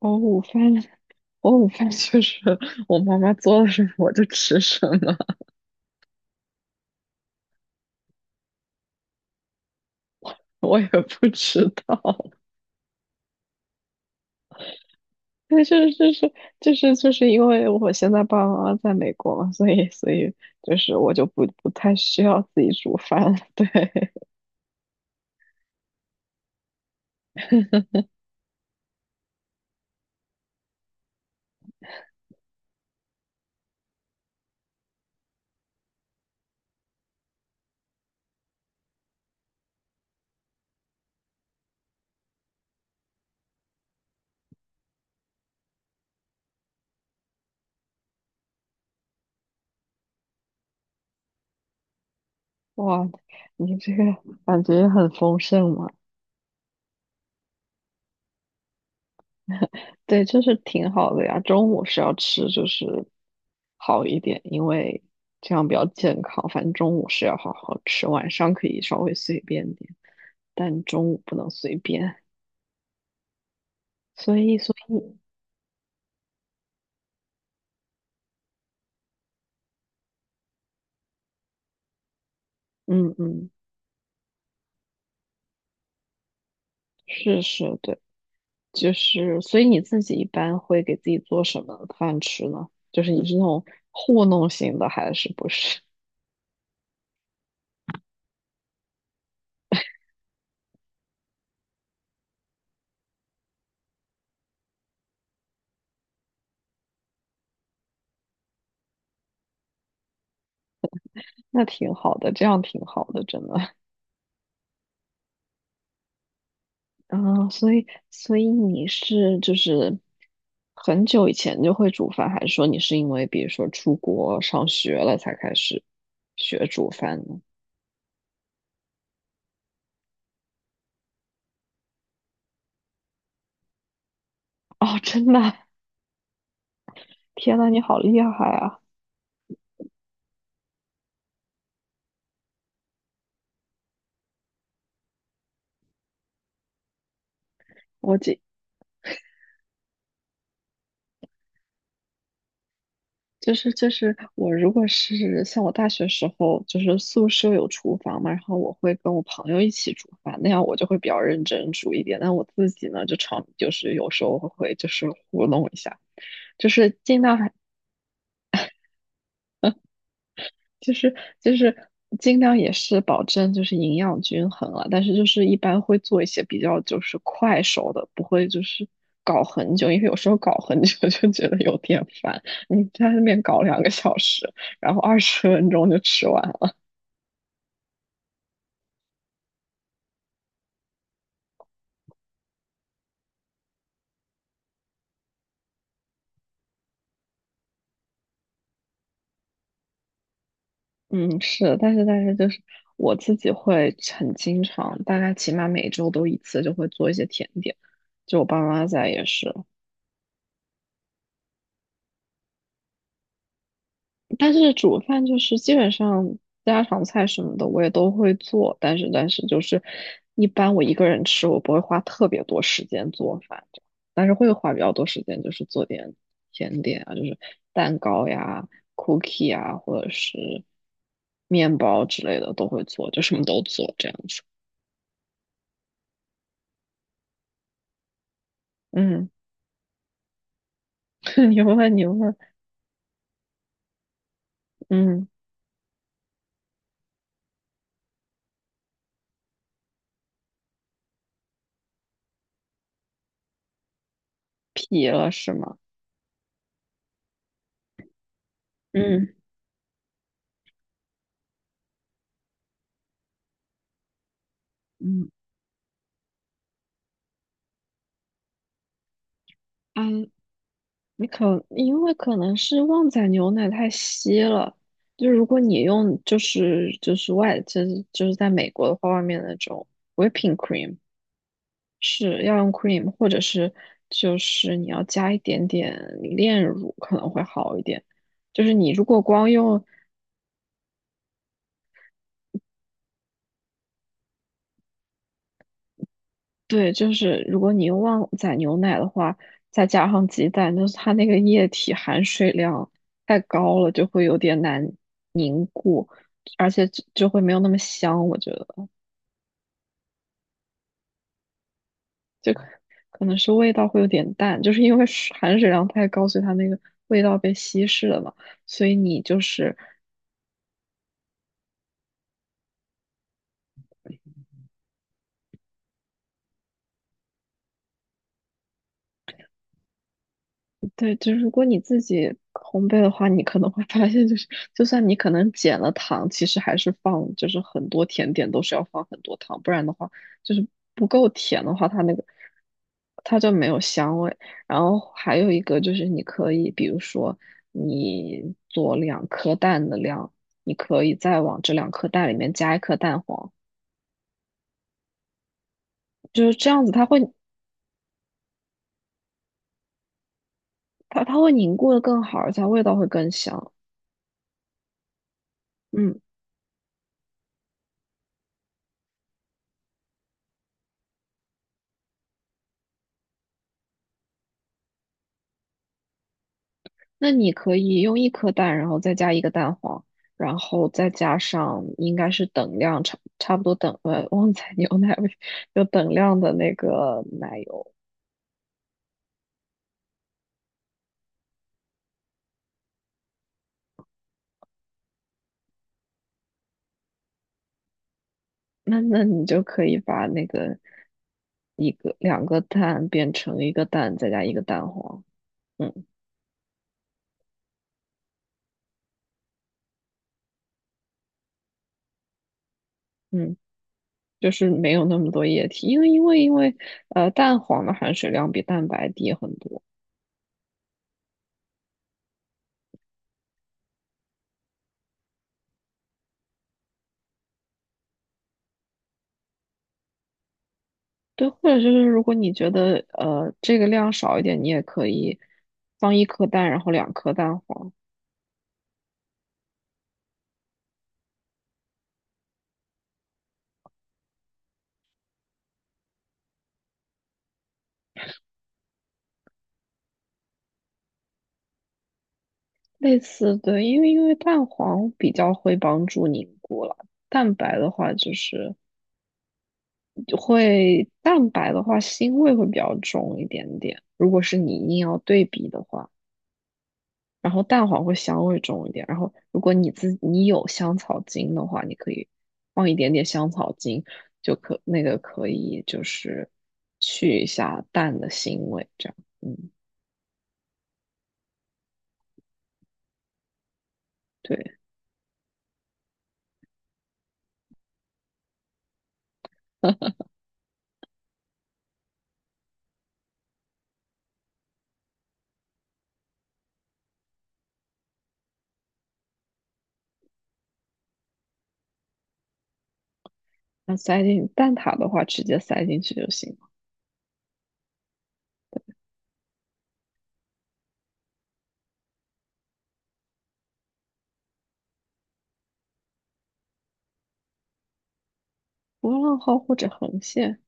我午饭，我午饭就是我妈妈做了什么我就吃什么。我也不知道。但是就是因为我现在爸爸妈妈在美国嘛，所以就是我就不太需要自己煮饭了。对，哇，你这个感觉很丰盛嘛？对，就是挺好的呀。中午是要吃就是好一点，因为这样比较健康。反正中午是要好好吃，晚上可以稍微随便点，但中午不能随便。所以。嗯嗯，是是，对，就是，所以你自己一般会给自己做什么饭吃呢？就是你是那种糊弄型的，还是不是？那挺好的，这样挺好的，真的。啊，所以你是就是很久以前就会煮饭，还是说你是因为比如说出国上学了才开始学煮饭呢？哦，真的啊。天呐，你好厉害啊！我这就是我如果是像我大学时候，就是宿舍有厨房嘛，然后我会跟我朋友一起煮饭，那样我就会比较认真煮一点，但我自己呢就常就是有时候会就是糊弄一下。就是尽量还就是就是尽量也是保证就是营养均衡啊，但是就是一般会做一些比较就是快手的，不会就是搞很久，因为有时候搞很久 就觉得有点烦。你在那边搞2个小时，然后二十分钟就吃完了。嗯，是，但是就是我自己会很经常，大概起码每周都一次就会做一些甜点，就我爸妈在也是。但是煮饭就是基本上家常菜什么的我也都会做，但是就是一般我一个人吃，我不会花特别多时间做饭，但是会花比较多时间就是做点甜点啊，就是蛋糕呀、cookie 啊，或者是面包之类的都会做，就什么都做这样子。嗯，你问你问。嗯，皮了是吗？嗯嗯，哎，你可因为可能是旺仔牛奶太稀了，就是如果你用就是就是外就是就是在美国的话，外面的那种 whipping cream 是要用 cream，或者是就是你要加一点点炼乳可能会好一点。就是你如果光用。对，就是如果你用旺仔牛奶的话，再加上鸡蛋，就是它那个液体含水量太高了，就会有点难凝固，而且就会没有那么香。我觉得，就可可能是味道会有点淡，就是因为水含水量太高，所以它那个味道被稀释了嘛。所以你就是。对，就是如果你自己烘焙的话，你可能会发现，就是就算你可能减了糖，其实还是放，就是很多甜点都是要放很多糖，不然的话，就是不够甜的话，它那个它就没有香味。然后还有一个就是你可以，比如说你做两颗蛋的量，你可以再往这两颗蛋里面加一颗蛋黄，就是这样子，它会凝固的更好，而且它味道会更香。嗯。那你可以用一颗蛋，然后再加一个蛋黄，然后再加上应该是等量差不多等旺仔 牛奶味，有等量的那个奶油。那那你就可以把那个一个两个蛋变成一个蛋，再加一个蛋黄。嗯嗯，就是没有那么多液体，因为蛋黄的含水量比蛋白低很多。对，或者就是如果你觉得这个量少一点，你也可以放一颗蛋，然后两颗蛋黄，类似。对，因为蛋黄比较会帮助凝固了，蛋白的话就是蛋白的话腥味会比较重一点点，如果是你硬要对比的话。然后蛋黄会香味重一点。然后如果你自你有香草精的话，你可以放一点点香草精，就可那个可以就是去一下蛋的腥味，这样。嗯，对。那塞进蛋挞的话，直接塞进去就行了。波浪号或者横线，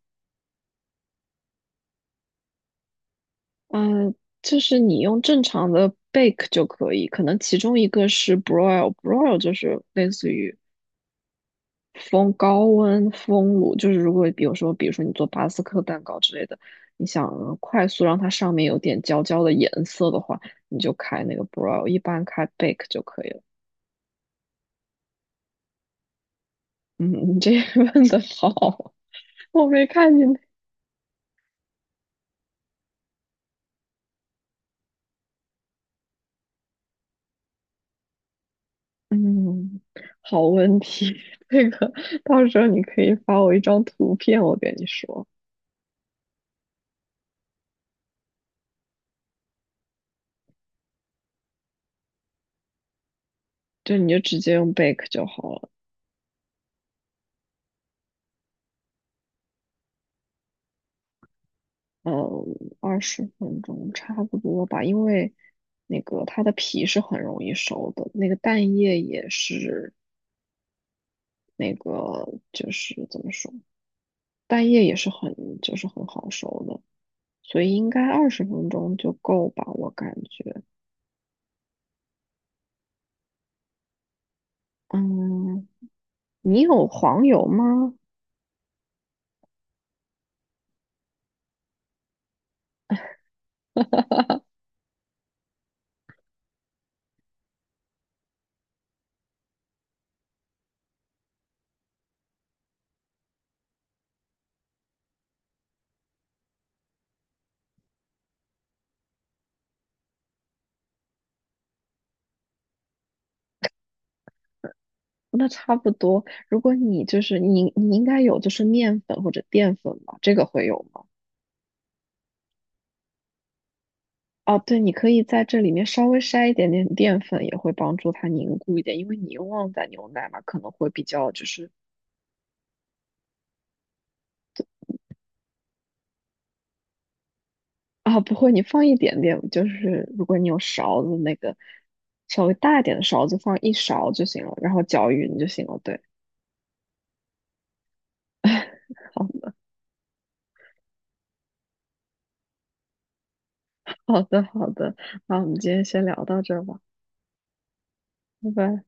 嗯、就是你用正常的 bake 就可以，可能其中一个是 broil，broil 就是类似于风高温风炉，就是如果比如说，比如说你做巴斯克蛋糕之类的，你想快速让它上面有点焦焦的颜色的话，你就开那个 broil，一般开 bake 就可以了。嗯，你这个问的好，我没看见。嗯，好问题，这个到时候你可以发我一张图片，我跟你说，就你就直接用 bake 就好了。呃二十分钟差不多吧，因为那个它的皮是很容易熟的，那个蛋液也是那个就是怎么说，蛋液也是很就是很好熟的，所以应该二十分钟就够吧，我感觉。嗯，你有黄油吗？那差不多。如果你就是你，你应该有就是面粉或者淀粉吧，这个会有吗？哦，对，你可以在这里面稍微筛一点点淀粉，也会帮助它凝固一点，因为你用旺仔牛奶嘛，可能会比较就是。啊，不会，你放一点点，就是如果你有勺子，那个稍微大一点的勺子，放一勺就行了，然后搅匀就行了。对，好的，好的，好的，那我们今天先聊到这儿吧，拜拜。